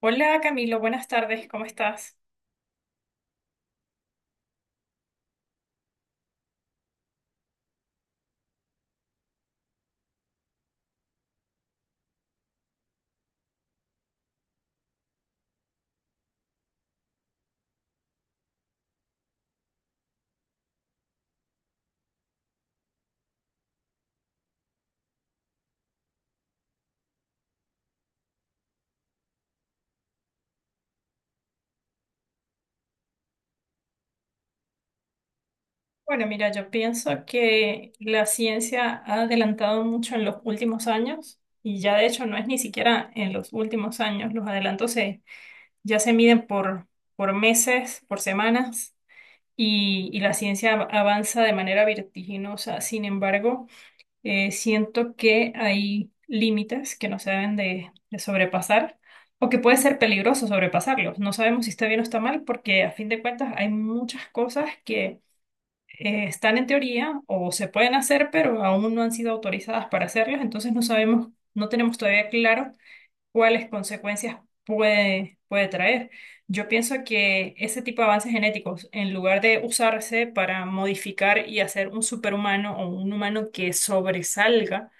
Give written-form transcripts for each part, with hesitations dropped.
Hola Camilo, buenas tardes, ¿cómo estás? Bueno, mira, yo pienso que la ciencia ha adelantado mucho en los últimos años y ya de hecho no es ni siquiera en los últimos años, los adelantos se, ya se miden por meses, por semanas y la ciencia avanza de manera vertiginosa. Sin embargo, siento que hay límites que no se deben de sobrepasar o que puede ser peligroso sobrepasarlos. No sabemos si está bien o está mal porque a fin de cuentas hay muchas cosas que están en teoría o se pueden hacer, pero aún no han sido autorizadas para hacerlas, entonces no sabemos, no tenemos todavía claro cuáles consecuencias puede traer. Yo pienso que ese tipo de avances genéticos, en lugar de usarse para modificar y hacer un superhumano o un humano que sobresalga,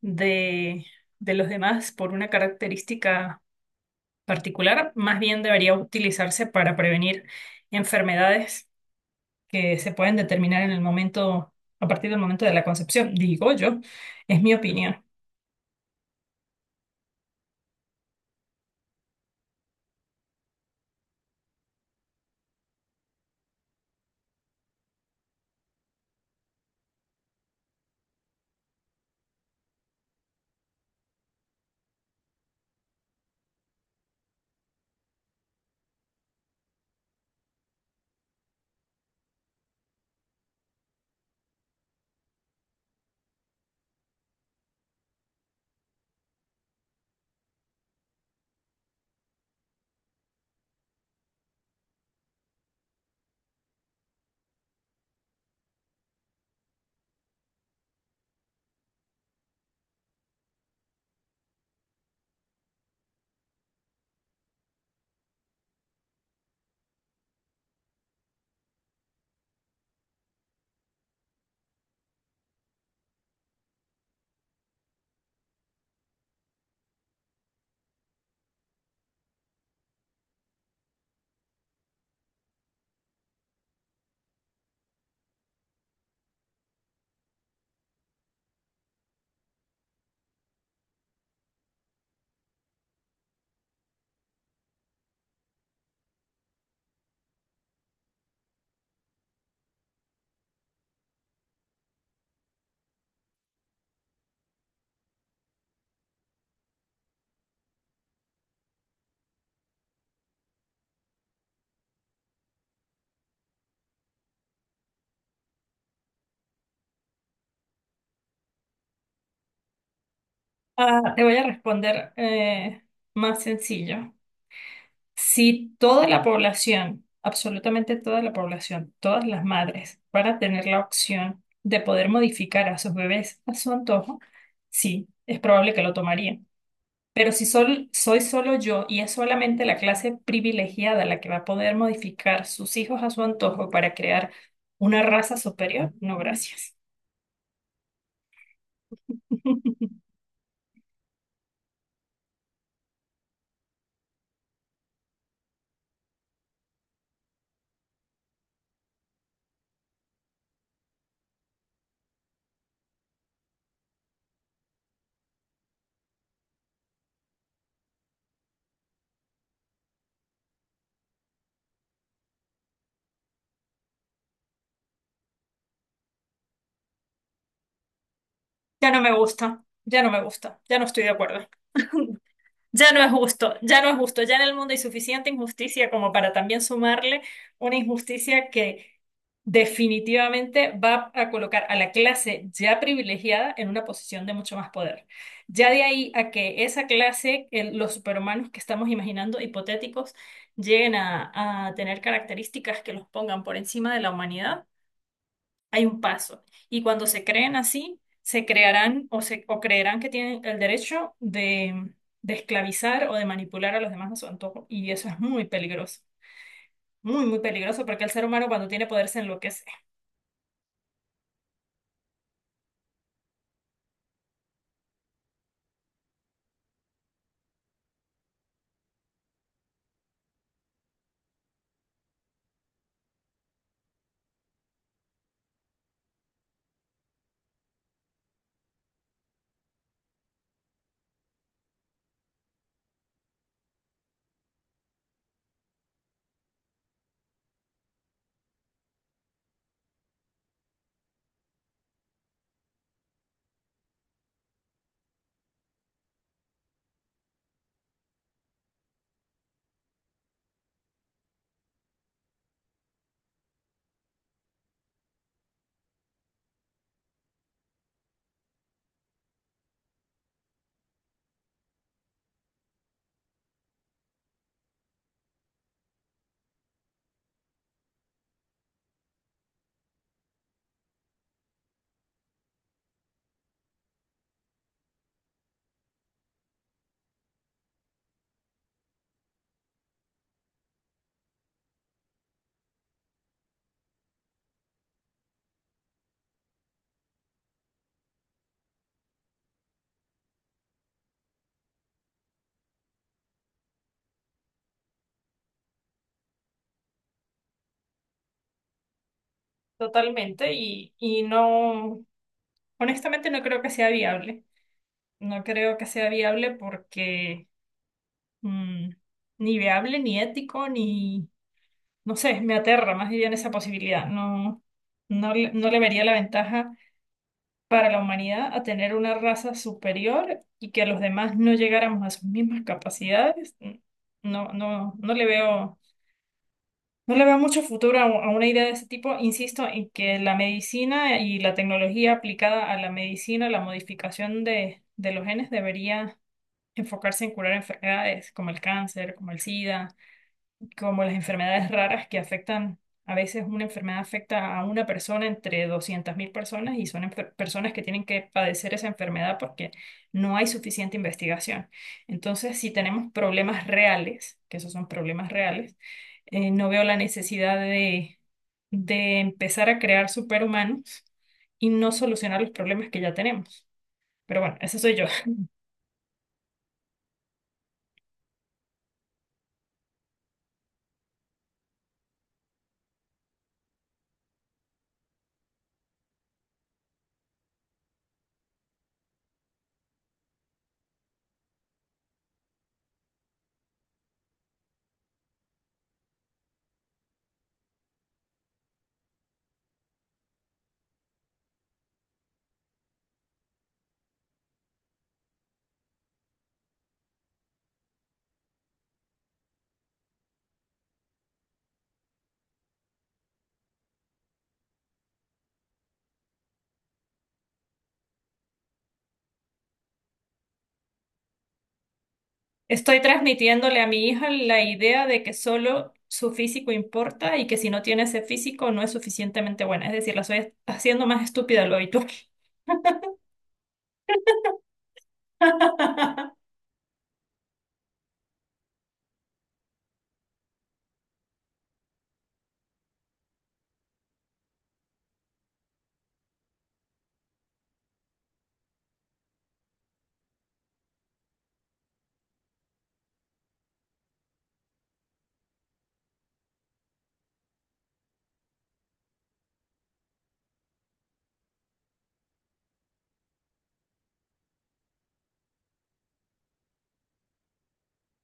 de, de los demás por una característica particular, más bien debería utilizarse para prevenir enfermedades que se pueden determinar en el momento, a partir del momento de la concepción, digo yo, es mi opinión. Ah, te voy a responder más sencillo. Si toda la población, absolutamente toda la población, todas las madres, van a tener la opción de poder modificar a sus bebés a su antojo, sí, es probable que lo tomarían. Pero si soy solo yo y es solamente la clase privilegiada la que va a poder modificar sus hijos a su antojo para crear una raza superior, no, gracias. Ya no me gusta, ya no me gusta, ya no estoy de acuerdo. Ya no es justo, ya no es justo, ya en el mundo hay suficiente injusticia como para también sumarle una injusticia que definitivamente va a colocar a la clase ya privilegiada en una posición de mucho más poder. Ya de ahí a que esa clase, los superhumanos que estamos imaginando, hipotéticos, lleguen a tener características que los pongan por encima de la humanidad hay un paso. Y cuando se creen así, se crearán o, se, o creerán que tienen el derecho de esclavizar o de manipular a los demás a su antojo. Y eso es muy peligroso, muy, muy peligroso, porque el ser humano cuando tiene poder se enloquece totalmente y no, honestamente no creo que sea viable. No creo que sea viable porque mm, ni viable, ni ético, ni, no sé, me aterra más bien esa posibilidad. No, no, no le vería la ventaja para la humanidad a tener una raza superior y que los demás no llegáramos a sus mismas capacidades, no, no, no le veo, no le veo mucho futuro a, a una idea de ese tipo. Insisto en que la medicina y la tecnología aplicada a la medicina, la modificación de los genes debería enfocarse en curar enfermedades como el cáncer, como el SIDA, como las enfermedades raras que afectan, a veces una enfermedad afecta a una persona entre 200.000 personas y son personas que tienen que padecer esa enfermedad porque no hay suficiente investigación. Entonces, si tenemos problemas reales, que esos son problemas reales, no veo la necesidad de empezar a crear superhumanos y no solucionar los problemas que ya tenemos. Pero bueno, ese soy yo. Estoy transmitiéndole a mi hija la idea de que solo su físico importa y que si no tiene ese físico no es suficientemente buena. Es decir, la estoy haciendo más estúpida de lo habitual.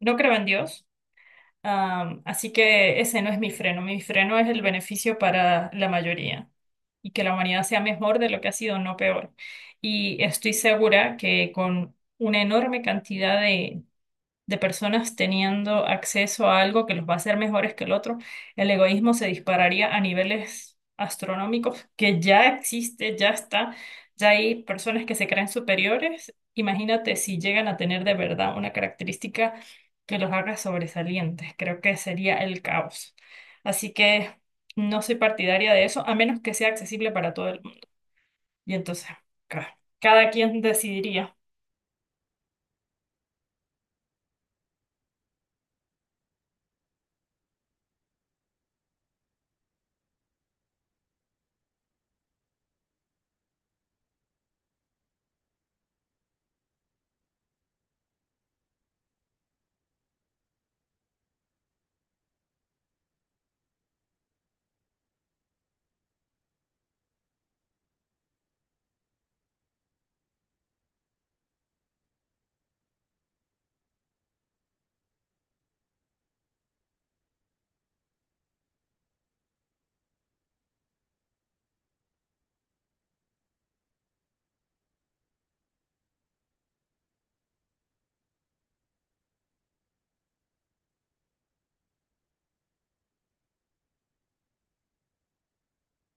No creo en Dios. Así que ese no es mi freno. Mi freno es el beneficio para la mayoría y que la humanidad sea mejor de lo que ha sido, no peor. Y estoy segura que con una enorme cantidad de personas teniendo acceso a algo que los va a hacer mejores que el otro, el egoísmo se dispararía a niveles astronómicos que ya existe, ya está, ya hay personas que se creen superiores. Imagínate si llegan a tener de verdad una característica que los haga sobresalientes. Creo que sería el caos. Así que no soy partidaria de eso, a menos que sea accesible para todo el mundo. Y entonces, cada quien decidiría.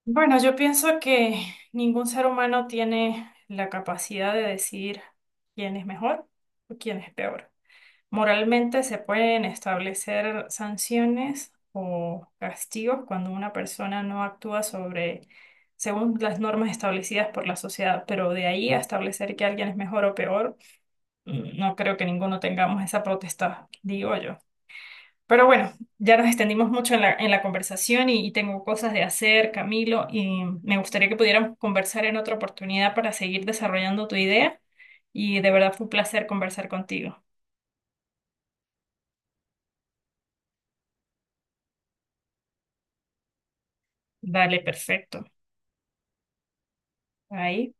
Bueno, yo pienso que ningún ser humano tiene la capacidad de decir quién es mejor o quién es peor. Moralmente se pueden establecer sanciones o castigos cuando una persona no actúa sobre, según las normas establecidas por la sociedad, pero de ahí a establecer que alguien es mejor o peor, mm, no creo que ninguno tengamos esa protesta, digo yo. Pero bueno, ya nos extendimos mucho en la conversación y tengo cosas de hacer, Camilo, y me gustaría que pudiéramos conversar en otra oportunidad para seguir desarrollando tu idea. Y de verdad fue un placer conversar contigo. Dale, perfecto. Ahí.